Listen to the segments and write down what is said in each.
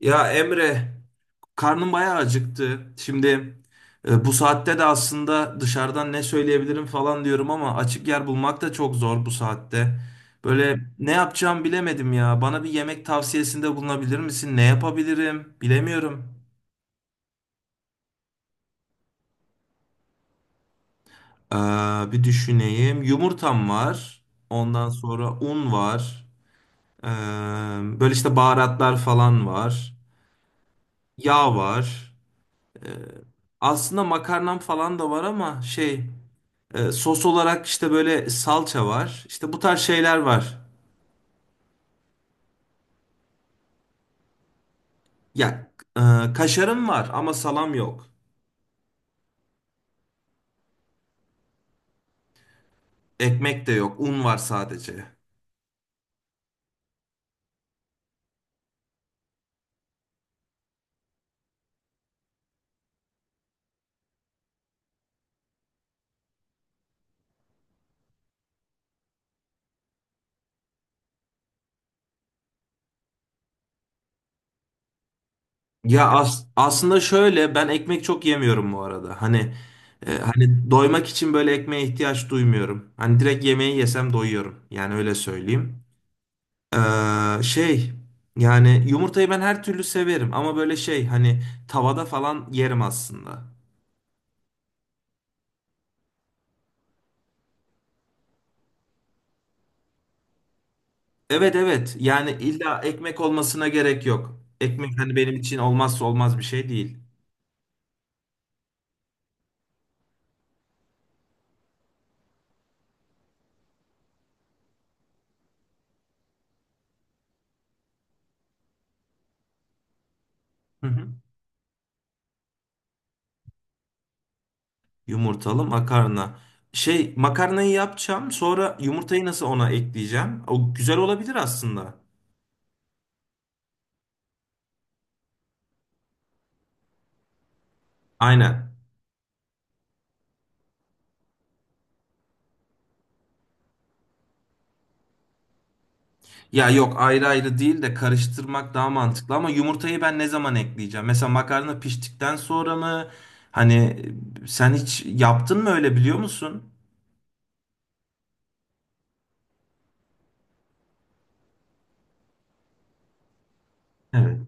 Ya Emre, karnım bayağı acıktı. Şimdi bu saatte de aslında dışarıdan ne söyleyebilirim falan diyorum ama açık yer bulmak da çok zor bu saatte. Böyle ne yapacağımı bilemedim ya. Bana bir yemek tavsiyesinde bulunabilir misin? Ne yapabilirim? Bilemiyorum. Ee, Bir düşüneyim. Yumurtam var. Ondan sonra un var. Ee, Böyle işte baharatlar falan var. Yağ var. Aslında makarnam falan da var ama şey. Sos olarak işte böyle salça var. İşte bu tarz şeyler var. Ya kaşarım var ama salam yok. Ekmek de yok. Un var sadece. Ya aslında şöyle ben ekmek çok yemiyorum bu arada. Hani hani doymak için böyle ekmeğe ihtiyaç duymuyorum. Hani direkt yemeği yesem doyuyorum. Yani öyle söyleyeyim. Şey, yani yumurtayı ben her türlü severim ama böyle şey hani tavada falan yerim aslında. Evet evet. Yani illa ekmek olmasına gerek yok. Ekmek hani benim için olmazsa olmaz bir şey değil. Hı hı. Yumurtalı makarna. Şey makarnayı yapacağım. Sonra yumurtayı nasıl ona ekleyeceğim? O güzel olabilir aslında. Aynen. Ya yok ayrı ayrı değil de karıştırmak daha mantıklı ama yumurtayı ben ne zaman ekleyeceğim? Mesela makarna piştikten sonra mı? Hani sen hiç yaptın mı öyle biliyor musun? Evet.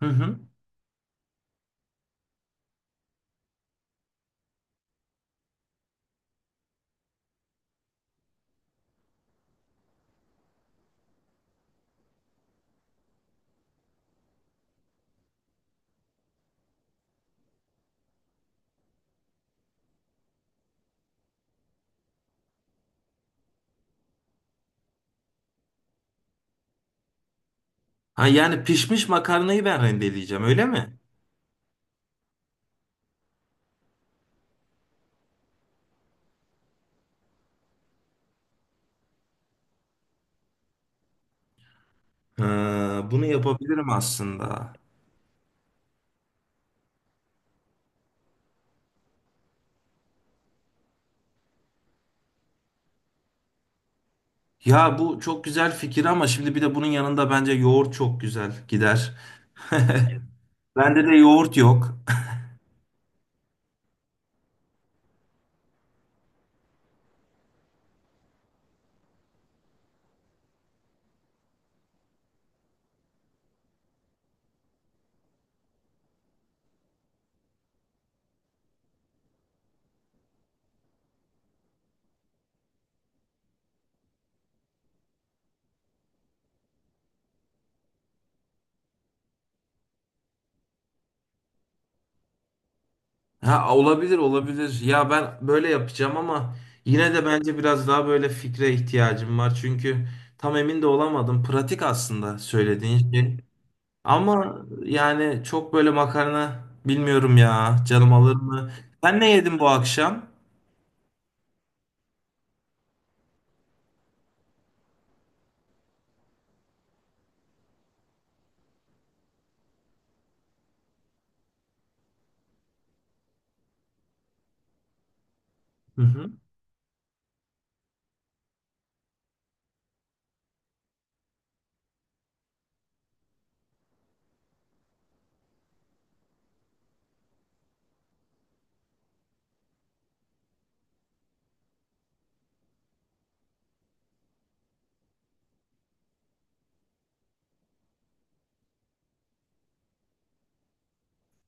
Hı hı. Ha yani pişmiş makarnayı ben rendeleyeceğim öyle mi? Ha, bunu yapabilirim aslında. Ya bu çok güzel fikir ama şimdi bir de bunun yanında bence yoğurt çok güzel gider. Bende de yoğurt yok. Ha, olabilir olabilir. Ya ben böyle yapacağım ama yine de bence biraz daha böyle fikre ihtiyacım var. Çünkü tam emin de olamadım. Pratik aslında söylediğin şey. Ama yani çok böyle makarna bilmiyorum ya. Canım alır mı? Sen ne yedin bu akşam? Hı hı.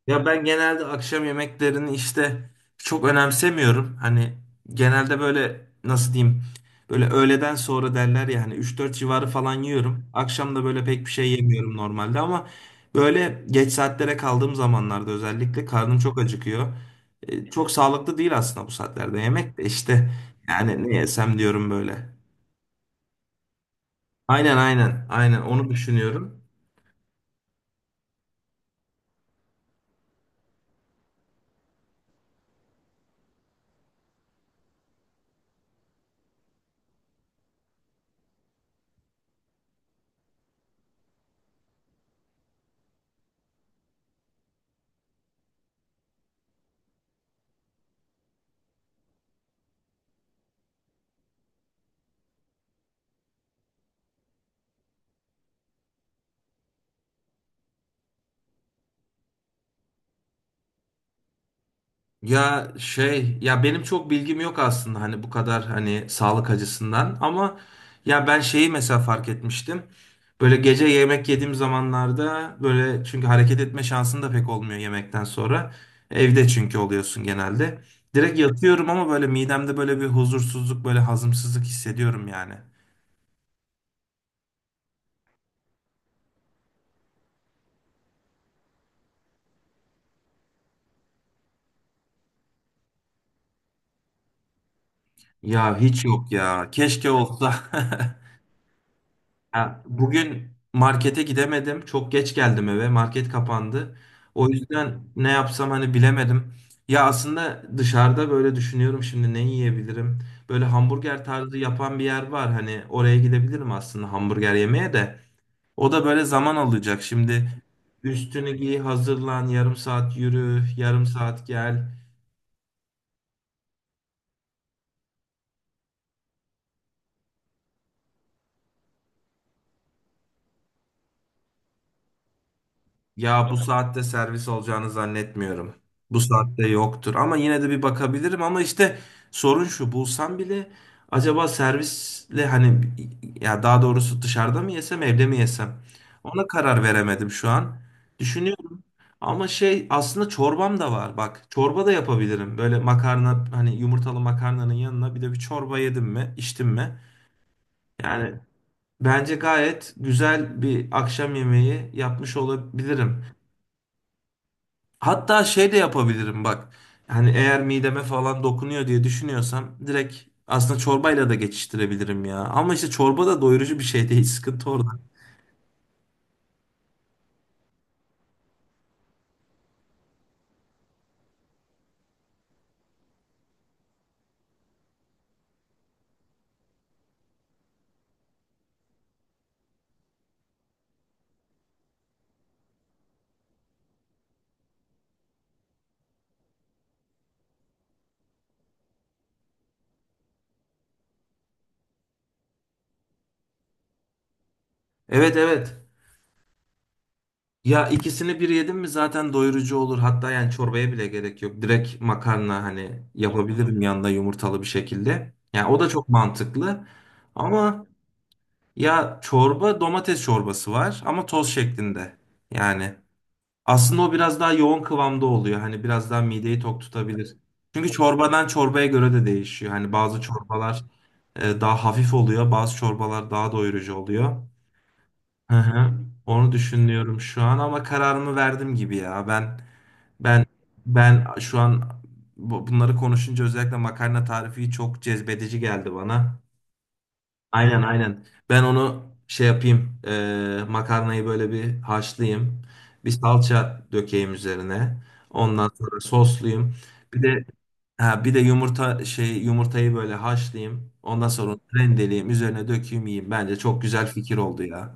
Ya ben genelde akşam yemeklerini işte çok önemsemiyorum. Hani genelde böyle nasıl diyeyim böyle öğleden sonra derler ya hani 3-4 civarı falan yiyorum. Akşam da böyle pek bir şey yemiyorum normalde ama böyle geç saatlere kaldığım zamanlarda özellikle karnım çok acıkıyor. Çok sağlıklı değil aslında bu saatlerde yemek de işte yani ne yesem diyorum böyle. Aynen aynen aynen onu düşünüyorum. Ya şey ya benim çok bilgim yok aslında hani bu kadar hani sağlık açısından ama ya ben şeyi mesela fark etmiştim. Böyle gece yemek yediğim zamanlarda böyle çünkü hareket etme şansın da pek olmuyor yemekten sonra. Evde çünkü oluyorsun genelde. Direkt yatıyorum ama böyle midemde böyle bir huzursuzluk böyle hazımsızlık hissediyorum yani. Ya hiç yok ya. Keşke olsa. Ya bugün markete gidemedim. Çok geç geldim eve. Market kapandı. O yüzden ne yapsam hani bilemedim. Ya aslında dışarıda böyle düşünüyorum şimdi ne yiyebilirim. Böyle hamburger tarzı yapan bir yer var. Hani oraya gidebilirim aslında hamburger yemeye de. O da böyle zaman alacak. Şimdi üstünü giy, hazırlan, yarım saat yürü, yarım saat gel. Ya bu saatte servis olacağını zannetmiyorum. Bu saatte yoktur. Ama yine de bir bakabilirim. Ama işte sorun şu bulsam bile acaba servisle hani ya daha doğrusu dışarıda mı yesem evde mi yesem? Ona karar veremedim şu an. Düşünüyorum. Ama şey aslında çorbam da var. Bak çorba da yapabilirim. Böyle makarna hani yumurtalı makarnanın yanına bir de bir çorba yedim mi içtim mi? Yani bence gayet güzel bir akşam yemeği yapmış olabilirim. Hatta şey de yapabilirim bak. Hani eğer mideme falan dokunuyor diye düşünüyorsam direkt aslında çorbayla da geçiştirebilirim ya. Ama işte çorba da doyurucu bir şey değil. Sıkıntı orada. Evet evet. Ya ikisini bir yedim mi zaten doyurucu olur. Hatta yani çorbaya bile gerek yok. Direkt makarna hani yapabilirim yanında yumurtalı bir şekilde. Yani o da çok mantıklı. Ama ya çorba domates çorbası var ama toz şeklinde. Yani. Aslında o biraz daha yoğun kıvamda oluyor. Hani biraz daha mideyi tok tutabilir. Çünkü çorbadan çorbaya göre de değişiyor. Hani bazı çorbalar daha hafif oluyor, bazı çorbalar daha doyurucu oluyor. Hı hı. Onu düşünüyorum şu an ama kararımı verdim gibi ya. Ben ben şu an bunları konuşunca özellikle makarna tarifi çok cezbedici geldi bana. Aynen aynen. Ben onu şey yapayım. Makarnayı böyle bir haşlayayım. Bir salça dökeyim üzerine. Ondan sonra soslayayım. Bir de ha, bir de yumurta yumurtayı böyle haşlayayım. Ondan sonra onu rendeleyeyim, üzerine dökeyim, yiyeyim. Bence çok güzel fikir oldu ya.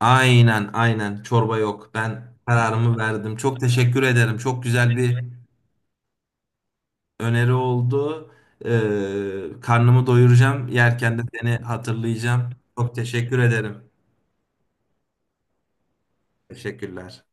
Aynen aynen. Çorba yok. Ben kararımı verdim. Çok teşekkür ederim. Çok güzel bir öneri oldu. E, karnımı doyuracağım. Yerken de seni hatırlayacağım. Çok teşekkür ederim. Teşekkürler.